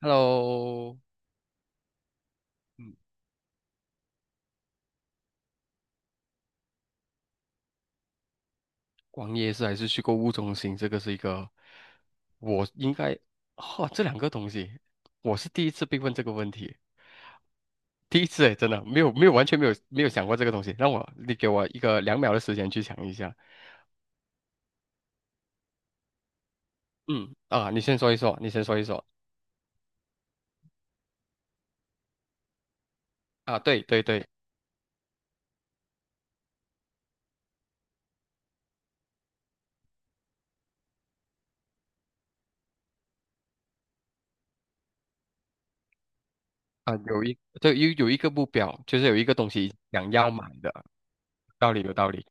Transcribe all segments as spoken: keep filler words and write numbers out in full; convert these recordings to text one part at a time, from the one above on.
Hello，嗯，逛夜市还是去购物中心，这个是一个，我应该，哈，这两个东西，我是第一次被问这个问题，第一次诶，真的没有没有完全没有没有想过这个东西，让我你给我一个两秒的时间去想一下。嗯啊，你先说一说，你先说一说啊，对对对。啊，有一对有有一个目标，就是有一个东西想要买的。道理有道理。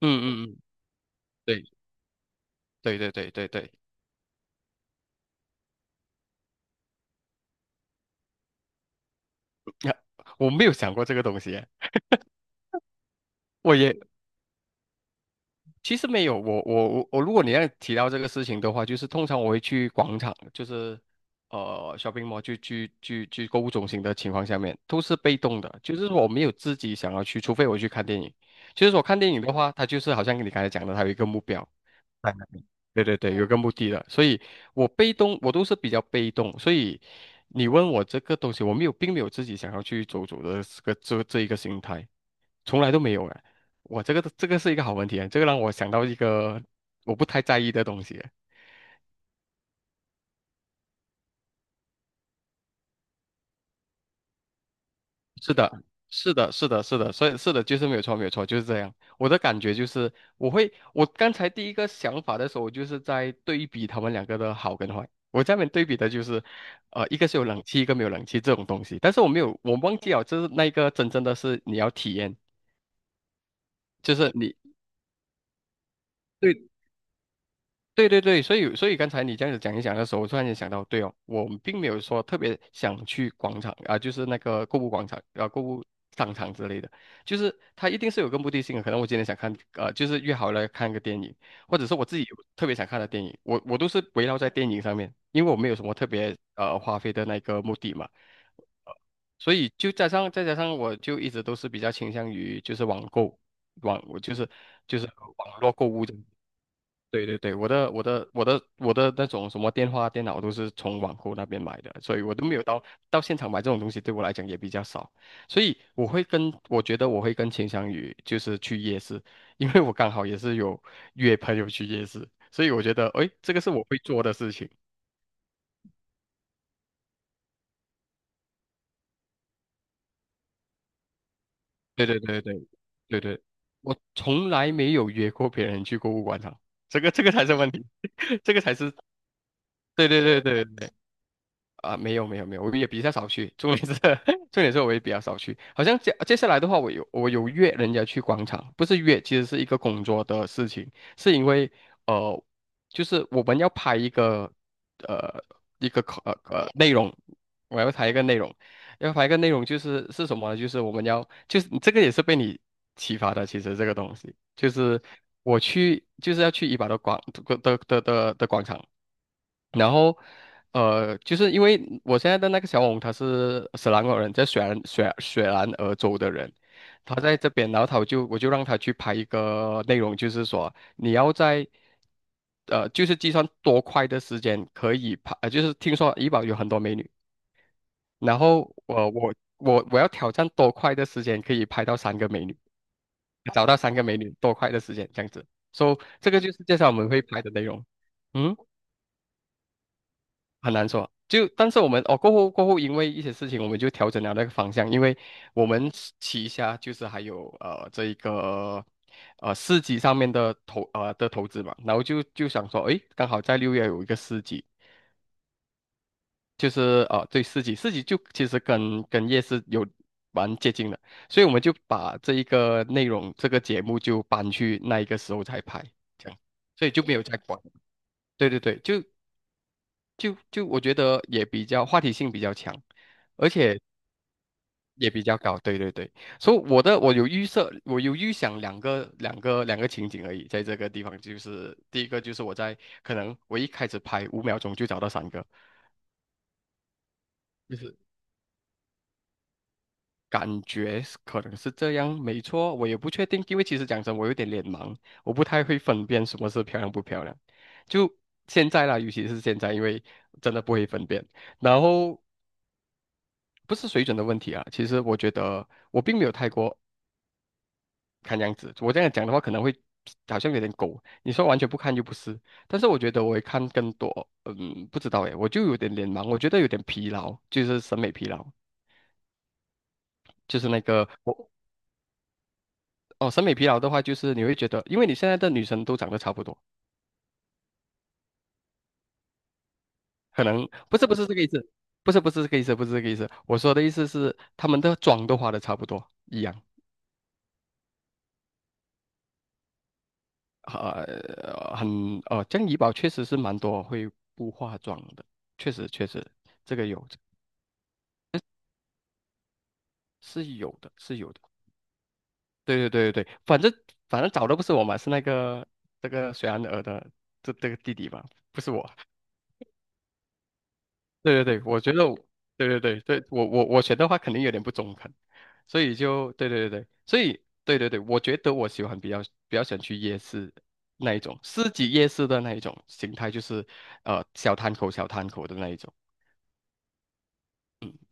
嗯嗯嗯，对对对对对对。呀，我没有想过这个东西诶。我也。其实没有，我我我我，如果你要提到这个事情的话，就是通常我会去广场，就是呃 shopping mall, 去去去去购物中心的情况下面，都是被动的，就是说我没有自己想要去，除非我去看电影。就是说看电影的话，它就是好像你刚才讲的，它有一个目标。在那里。对对对，有个目的的，所以我被动，我都是比较被动。所以你问我这个东西，我没有，并没有自己想要去走走的这个这这一个心态。从来都没有哎。我这个这个是一个好问题，这个让我想到一个我不太在意的东西。是的，是的，是的，是的，所以是的，就是没有错，没有错，就是这样。我的感觉就是，我会，我刚才第一个想法的时候，我就是在对比他们两个的好跟坏。我下面对比的就是，呃，一个是有冷气，一个没有冷气这种东西。但是我没有，我忘记了，就是那一个真正的是你要体验，就是你。对。对对对，所以所以刚才你这样子讲一讲的时候，我突然间想到，对哦，我们并没有说特别想去广场啊、就是那个购物广场啊、购物商场之类的，就是它一定是有个目的性的。可能我今天想看呃，就是约好了看个电影，或者是我自己有特别想看的电影，我我都是围绕在电影上面，因为我没有什么特别呃花费的那个目的嘛。呃所以就加上再加上，我就一直都是比较倾向于就是网购。网我就是就是网络购物。对对对，我的我的我的我的那种什么电话、电脑都是从网购那边买的，所以我都没有到到现场买这种东西，对我来讲也比较少，所以我会跟我觉得我会跟倾向宇就是去夜市，因为我刚好也是有约朋友去夜市，所以我觉得诶，这个是我会做的事情。对对对对对对，我从来没有约过别人去购物广场，这个这个才是问题，这个才是。对对对对对。啊、没有没有没有，我也比较少去。重点是 重点是我也比较少去。好像接接下来的话，我有我有约人家去广场，不是约，其实是一个工作的事情，是因为呃，就是我们要拍一个呃一个呃呃内容。我要拍一个内容。要拍一个内容就是是什么呢？就是我们要就是这个也是被你启发的，其实这个东西就是我去就是要去怡保的广的的的的的广场。然后，呃，就是因为我现在的那个小红，他是斯兰国人，在雪兰雪雪兰莪州的人，他在这边，然后他就我就让他去拍一个内容，就是说你要在，呃，就是计算多快的时间可以拍，呃，就是听说怡保有很多美女，然后我我我我要挑战多快的时间可以拍到三个美女，找到三个美女多快的时间这样子，so 这个就是介绍我们会拍的内容，嗯。很难说。就但是我们哦，过后过后，因为一些事情，我们就调整了那个方向，因为我们旗下就是还有呃这一个呃市集上面的投呃的投资嘛，然后就就想说，诶，刚好在六月有一个市集，就是呃对市集。市集就其实跟跟夜市有蛮接近的，所以我们就把这一个内容这个节目就搬去那一个时候才拍，这样，所以就没有再管。对对对，就就就我觉得也比较话题性比较强，而且也比较高，对对对，所以我的我有预设，我有预想两个两个两个情景而已，在这个地方就是第一个就是我在可能我一开始拍五秒钟就找到三个，就是感觉是可能是这样，没错，我也不确定，因为其实讲真，我有点脸盲，我不太会分辨什么是漂亮不漂亮，就现在啦，尤其是现在，因为真的不会分辨。然后不是水准的问题啊，其实我觉得我并没有太过看样子。我这样讲的话，可能会好像有点狗。你说完全不看又不是，但是我觉得我会看更多。嗯，不知道诶，我就有点脸盲，我觉得有点疲劳，就是审美疲劳，就是那个我哦，审美疲劳的话，就是你会觉得，因为你现在的女生都长得差不多，可能不是不是这个意思，不是不是这个意思，不是这个意思。我说的意思是，她们的妆都化的差不多一样。呃，很哦，这样怡保确实是蛮多会不化妆的，确实确实。这个有是有的，是有的。对对对对对，反正反正找的不是我嘛，是那个这个水安儿的这这个弟弟嘛，不是我。对对对，我觉得我。对对对对，我我我选的话肯定有点不中肯，所以就对对对对，所以对对对，我觉得我喜欢比较比较想去夜市那一种，市集夜市的那一种形态，就是呃小摊口小摊口的那一种。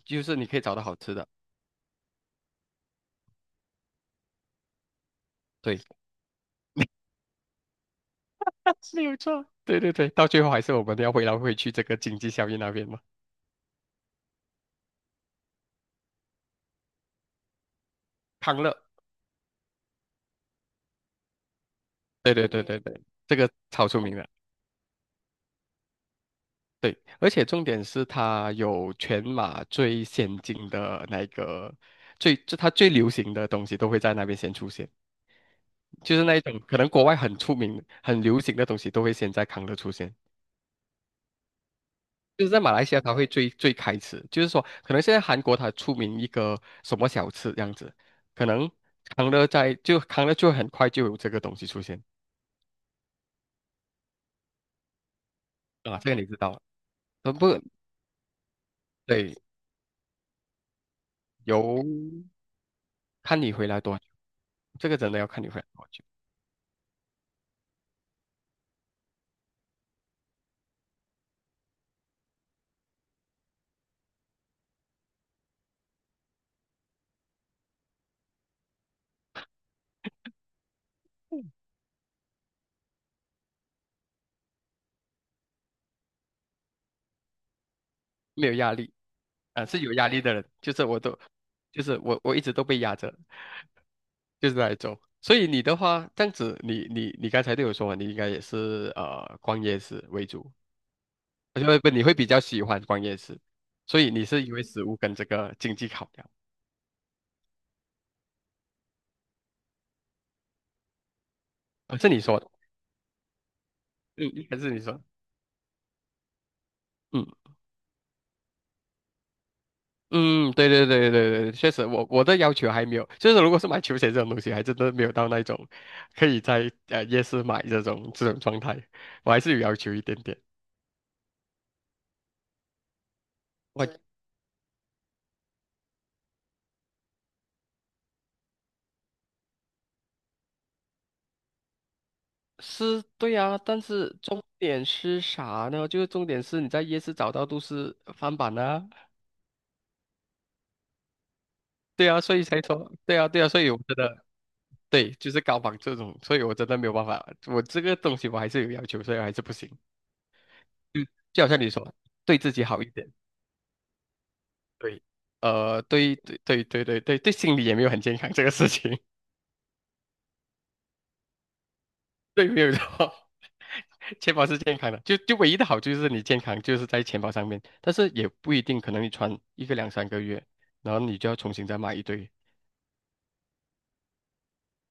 就是你可以找到好吃的，对，是有错，对对对，到最后还是我们要回来回去这个经济效益那边嘛。康乐，对对对对对，这个超出名的，对，而且重点是它有全马最先进的那个最，就它最流行的东西都会在那边先出现，就是那一种可能国外很出名、很流行的东西都会先在康乐出现。就是在马来西亚，它会最最开始，就是说，可能现在韩国它出名一个什么小吃这样子，可能康乐在就康乐就很快就有这个东西出现。啊，这个你知道了。呃不对，由看你回来多久。这个真的要看你回来多久。没有压力。啊、是有压力的人，就是我都，就是我我一直都被压着，就是来走。所以你的话，这样子你，你你刚才对我说嘛，你应该也是呃逛夜市为主，我觉得你会比较喜欢逛夜市，所以你是因为食物跟这个经济考量。呃是你说的，嗯，还是你说的？嗯嗯，对对对对对，确实我，我的要求还没有，就是如果是买球鞋这种东西，还真的没有到那种可以在呃夜市买这种这种状态，我还是有要求一点点。我是对啊，但是重点是啥呢？就是重点是你在夜市找到都是翻版啊，对啊，所以才说，对啊对啊，所以我觉得。对，就是高仿这种，所以我真的没有办法，我这个东西我还是有要求，所以还是不行。嗯，就好像你说，对自己好一点，对，呃，对对对对对对对，心理也没有很健康 这个事情，对，没有错，钱包是健康的，就就唯一的好处就是你健康就是在钱包上面，但是也不一定，可能你穿一个两三个月，然后你就要重新再买一堆，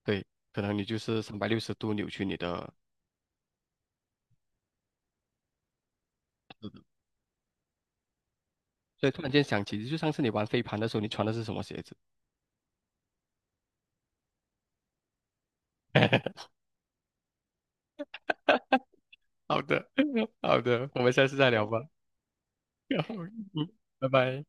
对，可能你就是三百六十度扭曲你的。嗯，所以突然间想起，就上次你玩飞盘的时候，你穿的是什么鞋子？好的，好的，我们下次再聊吧。好嗯，拜拜。